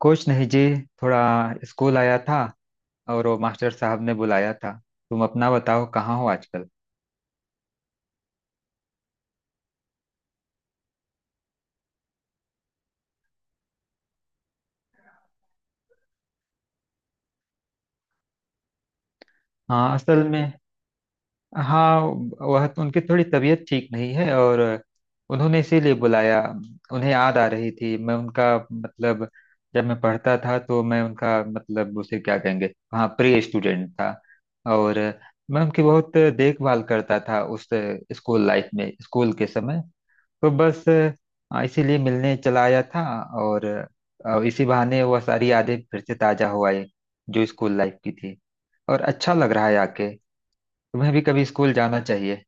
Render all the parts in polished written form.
कुछ नहीं जी। थोड़ा स्कूल आया था। और वो मास्टर साहब ने बुलाया था। तुम अपना बताओ कहाँ हो आजकल। हाँ असल में। हाँ। वह तो उनकी थोड़ी तबीयत ठीक नहीं है और उन्होंने इसीलिए बुलाया। उन्हें याद आ रही थी। मैं उनका मतलब जब मैं पढ़ता था तो मैं उनका मतलब उसे क्या कहेंगे, हाँ, प्री स्टूडेंट था। और मैं उनकी बहुत देखभाल करता था उस स्कूल लाइफ में, स्कूल के समय। तो बस इसीलिए मिलने चला आया था। और इसी बहाने वह सारी यादें फिर से ताजा हो आई जो स्कूल लाइफ की थी। और अच्छा लग रहा है आके। तुम्हें भी कभी स्कूल जाना चाहिए।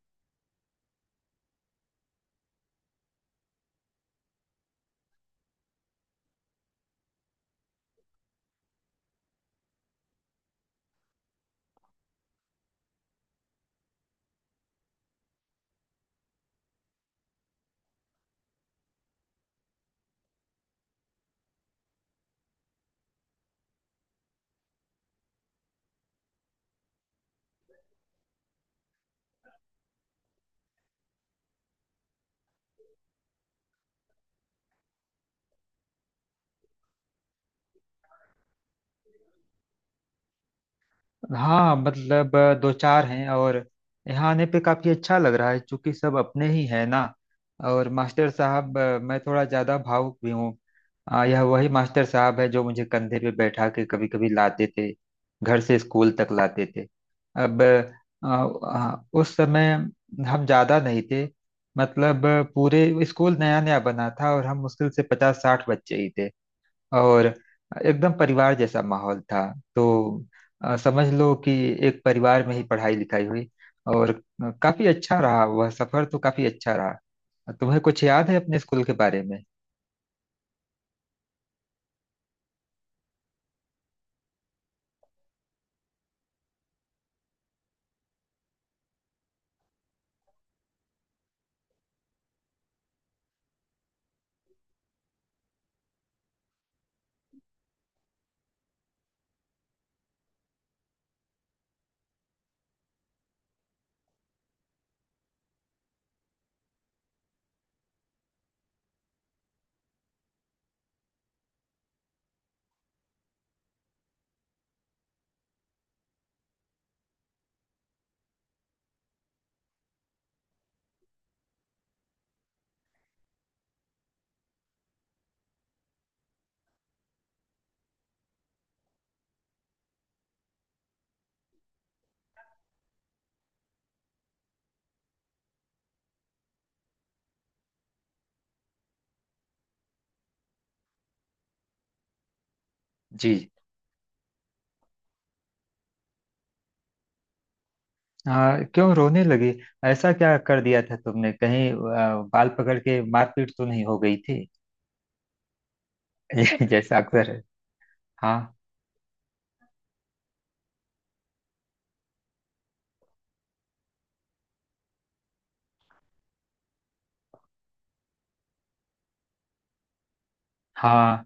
हाँ मतलब, दो चार हैं। और यहाँ आने पे काफी अच्छा लग रहा है क्योंकि सब अपने ही हैं ना। और मास्टर साहब, मैं थोड़ा ज्यादा भावुक भी हूँ। यह वही मास्टर साहब है जो मुझे कंधे पे बैठा के कभी कभी लाते थे, घर से स्कूल तक लाते थे। अब आ, आ, उस समय हम ज्यादा नहीं थे। मतलब पूरे स्कूल नया नया बना था और हम मुश्किल से पचास साठ बच्चे ही थे। और एकदम परिवार जैसा माहौल था। तो समझ लो कि एक परिवार में ही पढ़ाई लिखाई हुई। और काफी अच्छा रहा वह सफर। तो काफी अच्छा रहा। तुम्हें कुछ याद है अपने स्कूल के बारे में। जी। हाँ क्यों रोने लगी? ऐसा क्या कर दिया था तुमने, कहीं बाल पकड़ के मारपीट तो नहीं हो गई थी? जैसा अक्सर है। हाँ। हाँ।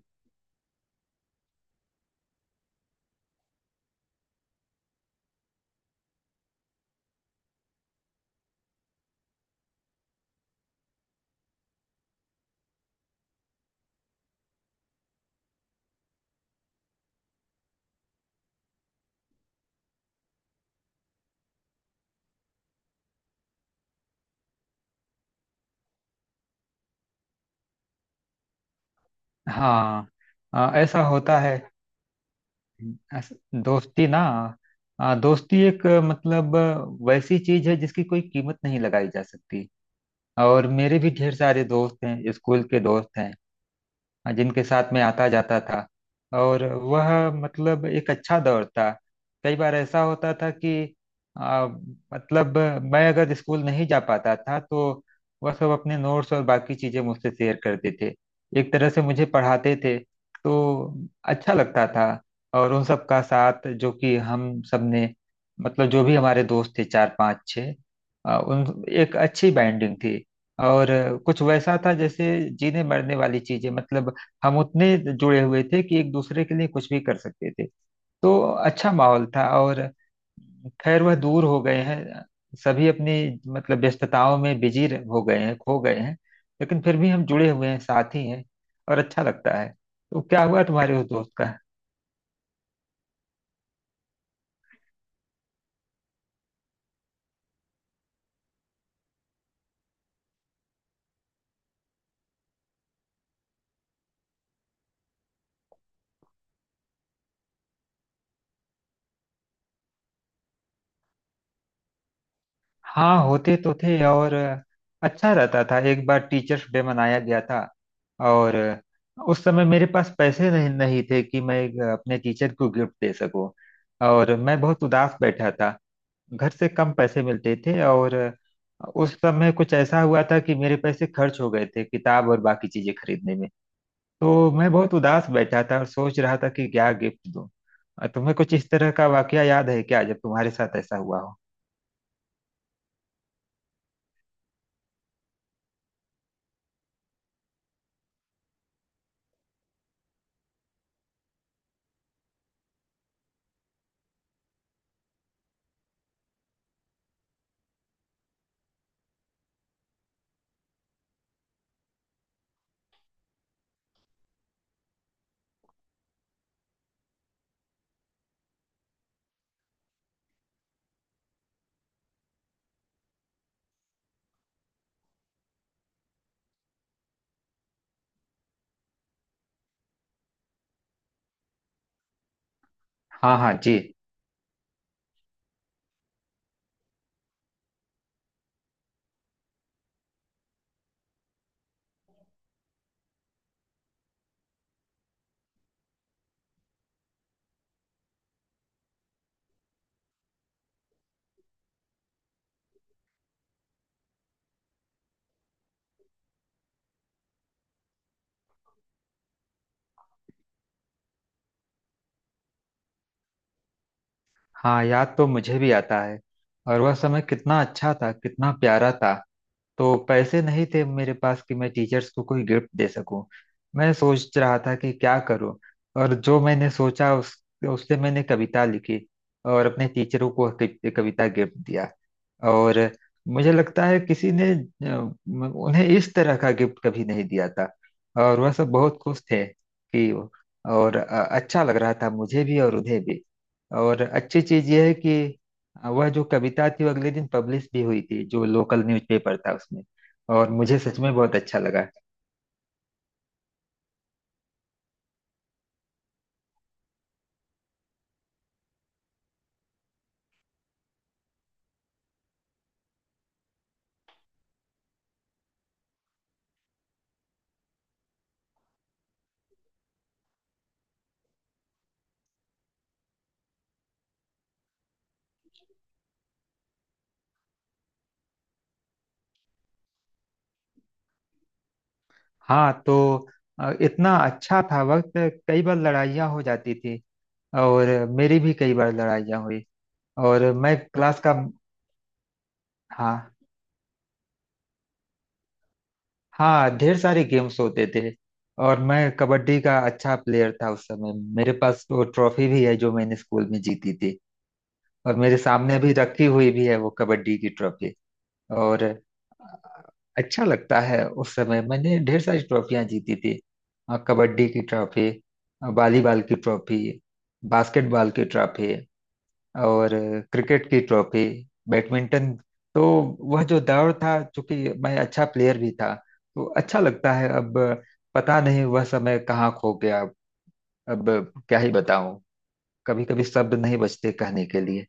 हाँ ऐसा होता है। अस- दोस्ती ना, दोस्ती एक मतलब वैसी चीज है जिसकी कोई कीमत नहीं लगाई जा सकती। और मेरे भी ढेर सारे दोस्त हैं, स्कूल के दोस्त हैं जिनके साथ में आता जाता था। और वह मतलब एक अच्छा दौर था। कई बार ऐसा होता था कि मतलब मैं अगर स्कूल नहीं जा पाता था तो वह सब अपने नोट्स और बाकी चीज़ें मुझसे शेयर करते थे। एक तरह से मुझे पढ़ाते थे। तो अच्छा लगता था। और उन सब का साथ जो कि हम सब ने, मतलब जो भी हमारे दोस्त थे, चार पांच छः, उन एक अच्छी बाइंडिंग थी। और कुछ वैसा था जैसे जीने मरने वाली चीजें। मतलब हम उतने जुड़े हुए थे कि एक दूसरे के लिए कुछ भी कर सकते थे। तो अच्छा माहौल था। और खैर वह दूर हो गए हैं, सभी अपनी मतलब व्यस्तताओं में हो गए हैं, खो गए हैं। लेकिन फिर भी हम जुड़े हुए हैं, साथ ही हैं। और अच्छा लगता है। तो क्या हुआ तुम्हारे उस दोस्त का? हाँ होते तो थे। और अच्छा रहता था। एक बार टीचर्स डे मनाया गया था। और उस समय मेरे पास पैसे नहीं नहीं थे कि मैं एक अपने टीचर को गिफ्ट दे सकूं। और मैं बहुत उदास बैठा था। घर से कम पैसे मिलते थे। और उस समय कुछ ऐसा हुआ था कि मेरे पैसे खर्च हो गए थे किताब और बाकी चीजें खरीदने में। तो मैं बहुत उदास बैठा था और सोच रहा था कि क्या गिफ्ट दूं। तुम्हें कुछ इस तरह का वाकया याद है क्या जब तुम्हारे साथ ऐसा हुआ हो? हाँ हाँ जी। हाँ याद तो मुझे भी आता है। और वह समय कितना अच्छा था, कितना प्यारा था। तो पैसे नहीं थे मेरे पास कि मैं टीचर्स को कोई गिफ्ट दे सकूं। मैं सोच रहा था कि क्या करूं। और जो मैंने सोचा, उस उससे मैंने कविता लिखी। और अपने टीचरों को कविता गिफ्ट दिया। और मुझे लगता है किसी ने उन्हें इस तरह का गिफ्ट कभी नहीं दिया था। और वह सब बहुत खुश थे कि। और अच्छा लग रहा था मुझे भी और उन्हें भी। और अच्छी चीज यह है कि वह जो कविता थी वो अगले दिन पब्लिश भी हुई थी जो लोकल न्यूज़पेपर था उसमें। और मुझे सच में बहुत अच्छा लगा। हाँ तो इतना अच्छा था वक्त। कई बार लड़ाइयाँ हो जाती थी। और मेरी भी कई बार लड़ाइयाँ हुई। और मैं क्लास का। हाँ। हाँ ढेर सारे गेम्स होते थे। और मैं कबड्डी का अच्छा प्लेयर था उस समय। मेरे पास वो ट्रॉफी भी है जो मैंने स्कूल में जीती थी। और मेरे सामने अभी रखी हुई भी है वो कबड्डी की ट्रॉफी। और अच्छा लगता है। उस समय मैंने ढेर सारी ट्रॉफियां जीती थी। कबड्डी की ट्रॉफी, वॉलीबॉल की ट्रॉफी, बास्केटबॉल की ट्रॉफी, और क्रिकेट की ट्रॉफी, बैडमिंटन। तो वह जो दौर था, चूंकि मैं अच्छा प्लेयर भी था, तो अच्छा लगता है। अब पता नहीं वह समय कहाँ खो गया। अब क्या ही बताऊं। कभी कभी शब्द नहीं बचते कहने के लिए।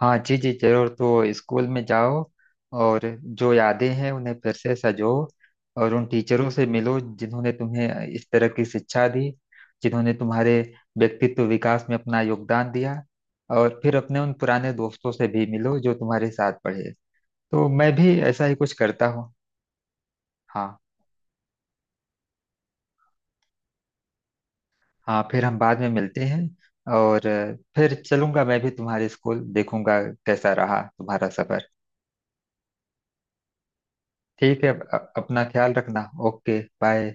हाँ जी जी जरूर, तो स्कूल में जाओ। और जो यादें हैं उन्हें फिर से सजो। और उन टीचरों से मिलो जिन्होंने तुम्हें इस तरह की शिक्षा दी, जिन्होंने तुम्हारे व्यक्तित्व विकास में अपना योगदान दिया। और फिर अपने उन पुराने दोस्तों से भी मिलो जो तुम्हारे साथ पढ़े। तो मैं भी ऐसा ही कुछ करता हूँ। हाँ। हाँ फिर हम बाद में मिलते हैं। और फिर चलूंगा मैं भी, तुम्हारे स्कूल देखूंगा, कैसा रहा तुम्हारा सफर। ठीक है। अपना ख्याल रखना। Okay bye.